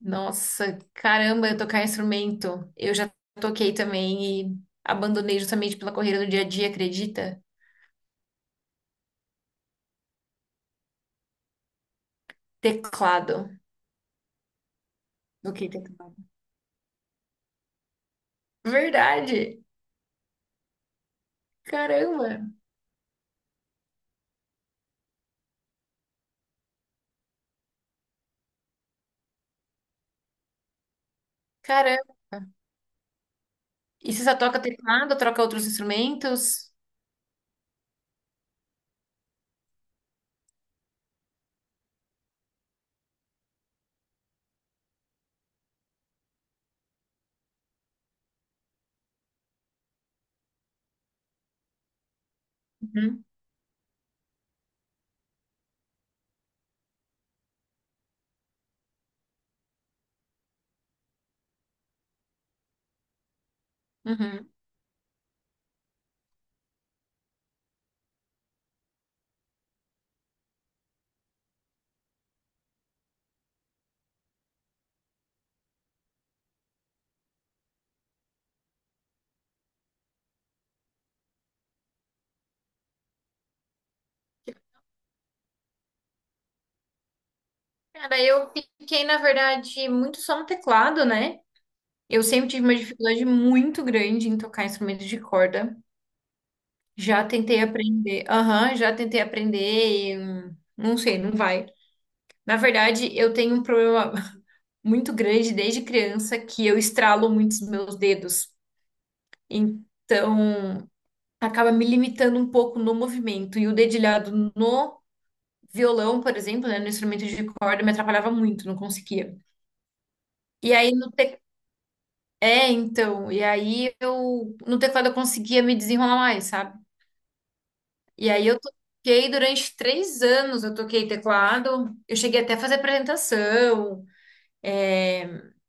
Nossa, caramba, eu tocar instrumento. Eu já toquei também e abandonei justamente pela correria do dia a dia, acredita? Teclado. Do teclado? Verdade! Caramba! Caramba! E você só toca teclado, troca outros instrumentos? Uhum, uhum. Cara, eu fiquei, na verdade, muito só no teclado, né? Eu sempre tive uma dificuldade muito grande em tocar instrumentos de corda. Já tentei aprender, aham, já tentei aprender e não sei, não vai. Na verdade, eu tenho um problema muito grande desde criança que eu estralo muitos meus dedos. Então, acaba me limitando um pouco no movimento. E o dedilhado no violão, por exemplo, né, no instrumento de corda, me atrapalhava muito, não conseguia. E aí no te... É, então, e aí eu no teclado eu conseguia me desenrolar mais, sabe? E aí eu toquei durante 3 anos, eu toquei teclado, eu cheguei até a fazer apresentação. É,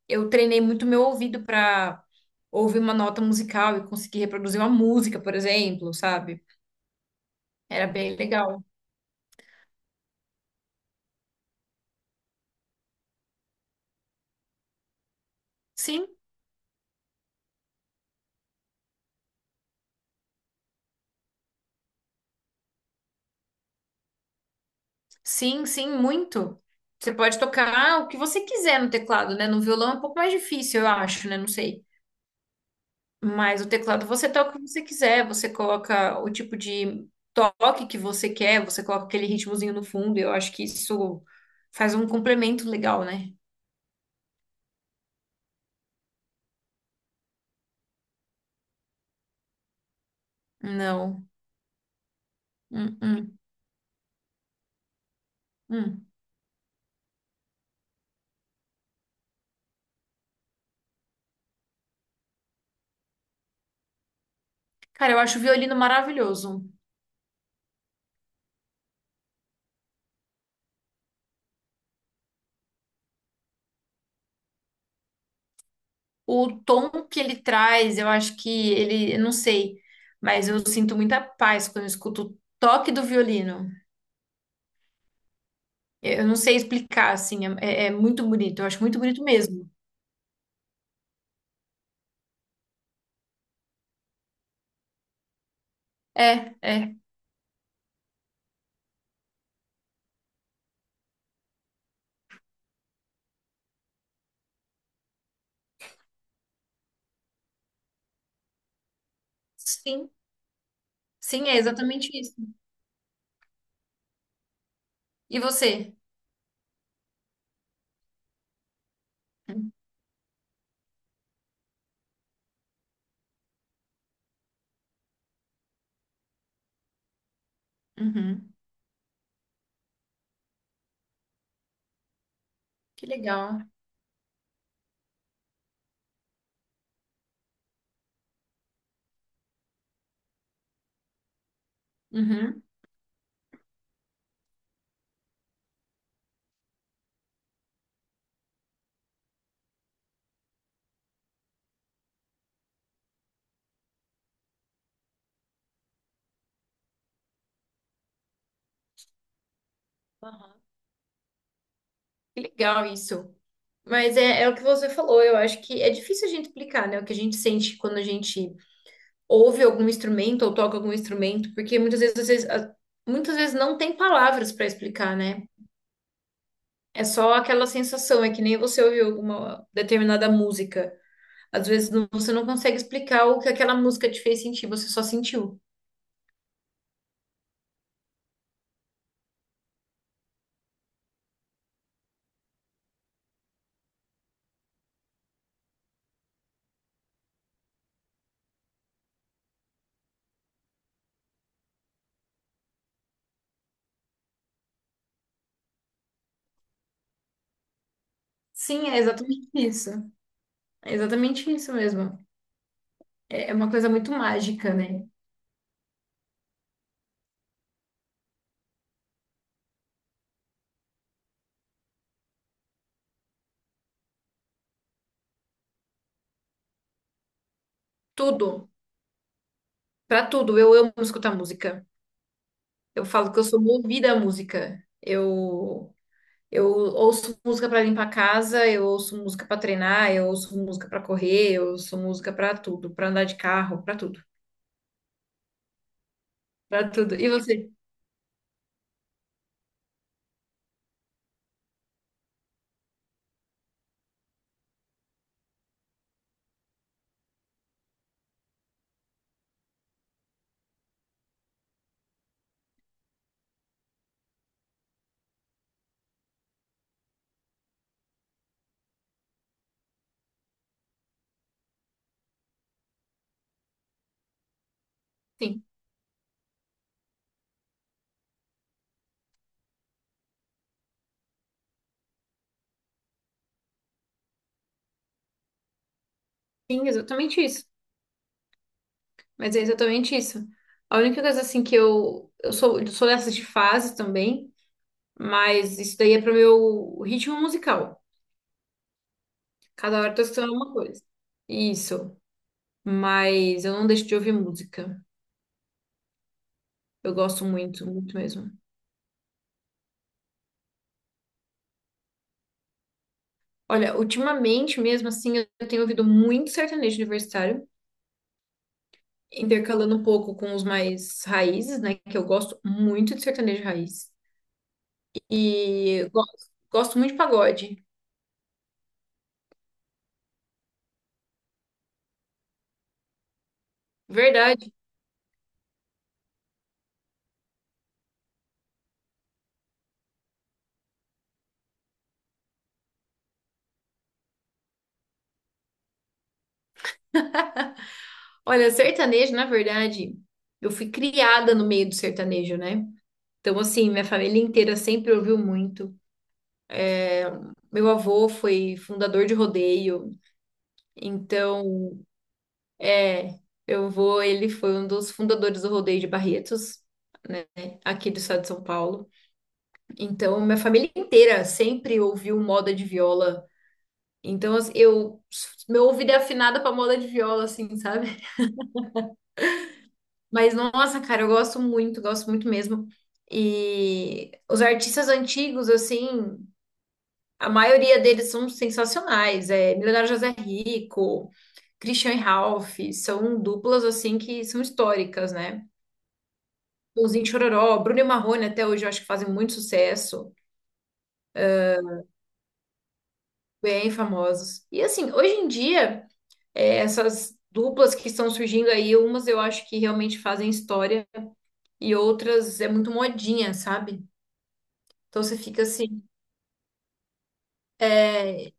eu treinei muito meu ouvido para ouvir uma nota musical e conseguir reproduzir uma música, por exemplo, sabe? Era bem legal. Sim, sim, sim, muito. Você pode tocar o que você quiser no teclado, né? No violão é um pouco mais difícil, eu acho, né? Não sei. Mas o teclado você toca o que você quiser, você coloca o tipo de toque que você quer, você coloca aquele ritmozinho no fundo, e eu acho que isso faz um complemento legal, né? Não. Hum, hum, hum. Cara, eu acho o violino maravilhoso. O tom que ele traz, eu acho que ele, eu não sei, mas eu sinto muita paz quando eu escuto o toque do violino. Eu não sei explicar, assim, é muito bonito. Eu acho muito bonito mesmo. É, é. Sim, sim, é exatamente isso. E você? Uhum. Que legal. Uhum. Aham. Que legal isso. Mas é o que você falou, eu acho que é difícil a gente explicar, né, o que a gente sente quando a gente ouve algum instrumento ou toca algum instrumento, porque muitas vezes, às vezes, muitas vezes não tem palavras para explicar, né? É só aquela sensação, é que nem você ouviu alguma determinada música. Às vezes você não consegue explicar o que aquela música te fez sentir, você só sentiu. Sim, é exatamente isso. É exatamente isso mesmo. É uma coisa muito mágica, né? Tudo, para tudo, eu amo escutar música. Eu falo que eu sou movida à música. Eu ouço música para limpar a casa, eu ouço música para treinar, eu ouço música para correr, eu ouço música para tudo, para andar de carro, para tudo, para tudo. E você? Sim, sim, exatamente isso. Mas é exatamente isso. A única coisa assim que eu sou, eu sou dessas de fase também, mas isso daí é pro meu ritmo musical. Cada hora eu tô escutando uma coisa. Isso. Mas eu não deixo de ouvir música. Eu gosto muito, muito mesmo. Olha, ultimamente mesmo assim, eu tenho ouvido muito sertanejo universitário, intercalando um pouco com os mais raízes, né? Que eu gosto muito de sertanejo raiz. E gosto, gosto muito de pagode. Verdade. Olha, sertanejo, na verdade, eu fui criada no meio do sertanejo, né? Então, assim, minha família inteira sempre ouviu muito. Meu avô foi fundador de rodeio, então, é, meu avô, ele foi um dos fundadores do rodeio de Barretos, aqui do estado de São Paulo. Então, minha família inteira sempre ouviu moda de viola. Então, assim, eu, meu ouvido é afinado pra moda de viola, assim, sabe? Mas, nossa, cara, eu gosto muito mesmo. E os artistas antigos, assim, a maioria deles são sensacionais. É Milionário José Rico, Christian e Ralph, são duplas, assim, que são históricas, né? Chitãozinho e Chororó, Bruno e Marrone até hoje eu acho que fazem muito sucesso, bem famosos. E, assim, hoje em dia, é, essas duplas que estão surgindo aí, umas eu acho que realmente fazem história, e outras é muito modinha, sabe? Então você fica assim, é,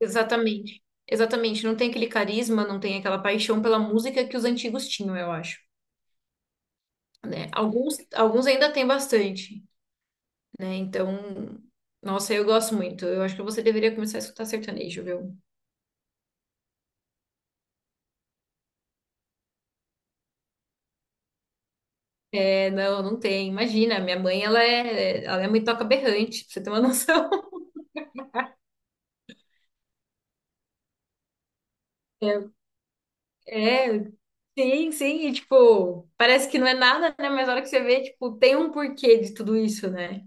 exatamente, exatamente, não tem aquele carisma, não tem aquela paixão pela música que os antigos tinham, eu acho, né? Alguns, alguns ainda tem bastante, né? Então, nossa, eu gosto muito. Eu acho que você deveria começar a escutar sertanejo, viu? É, não, não tem. Imagina, minha mãe, ela é muito toca berrante, pra você ter uma noção. É, é, sim, sim, e tipo, parece que não é nada, né? Mas a hora que você vê, tipo, tem um porquê de tudo isso, né?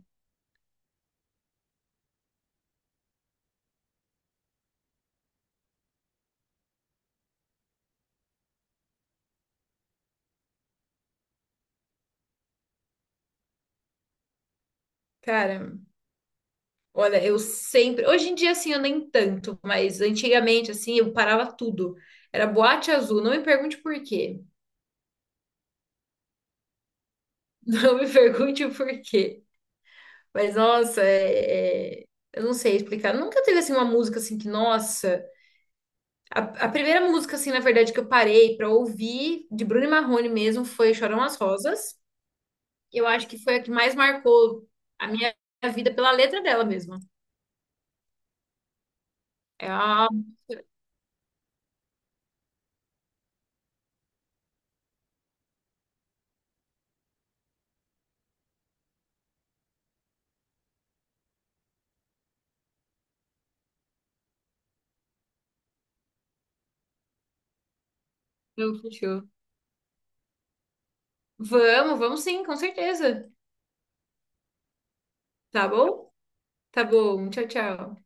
Cara, olha, eu sempre. Hoje em dia, assim, eu nem tanto, mas antigamente, assim, eu parava tudo. Era boate azul. Não me pergunte por quê. Não me pergunte o porquê. Mas, nossa, eu não sei explicar. Nunca teve, assim, uma música, assim, que, nossa. A, a primeira música, assim, na verdade, que eu parei pra ouvir, de Bruno e Marrone mesmo, foi Chorão as Rosas. Eu acho que foi a que mais marcou a minha vida pela letra dela mesmo. É a. Fechou. Vamos, vamos sim, com certeza. Tá bom? Tá bom. Tchau, tchau.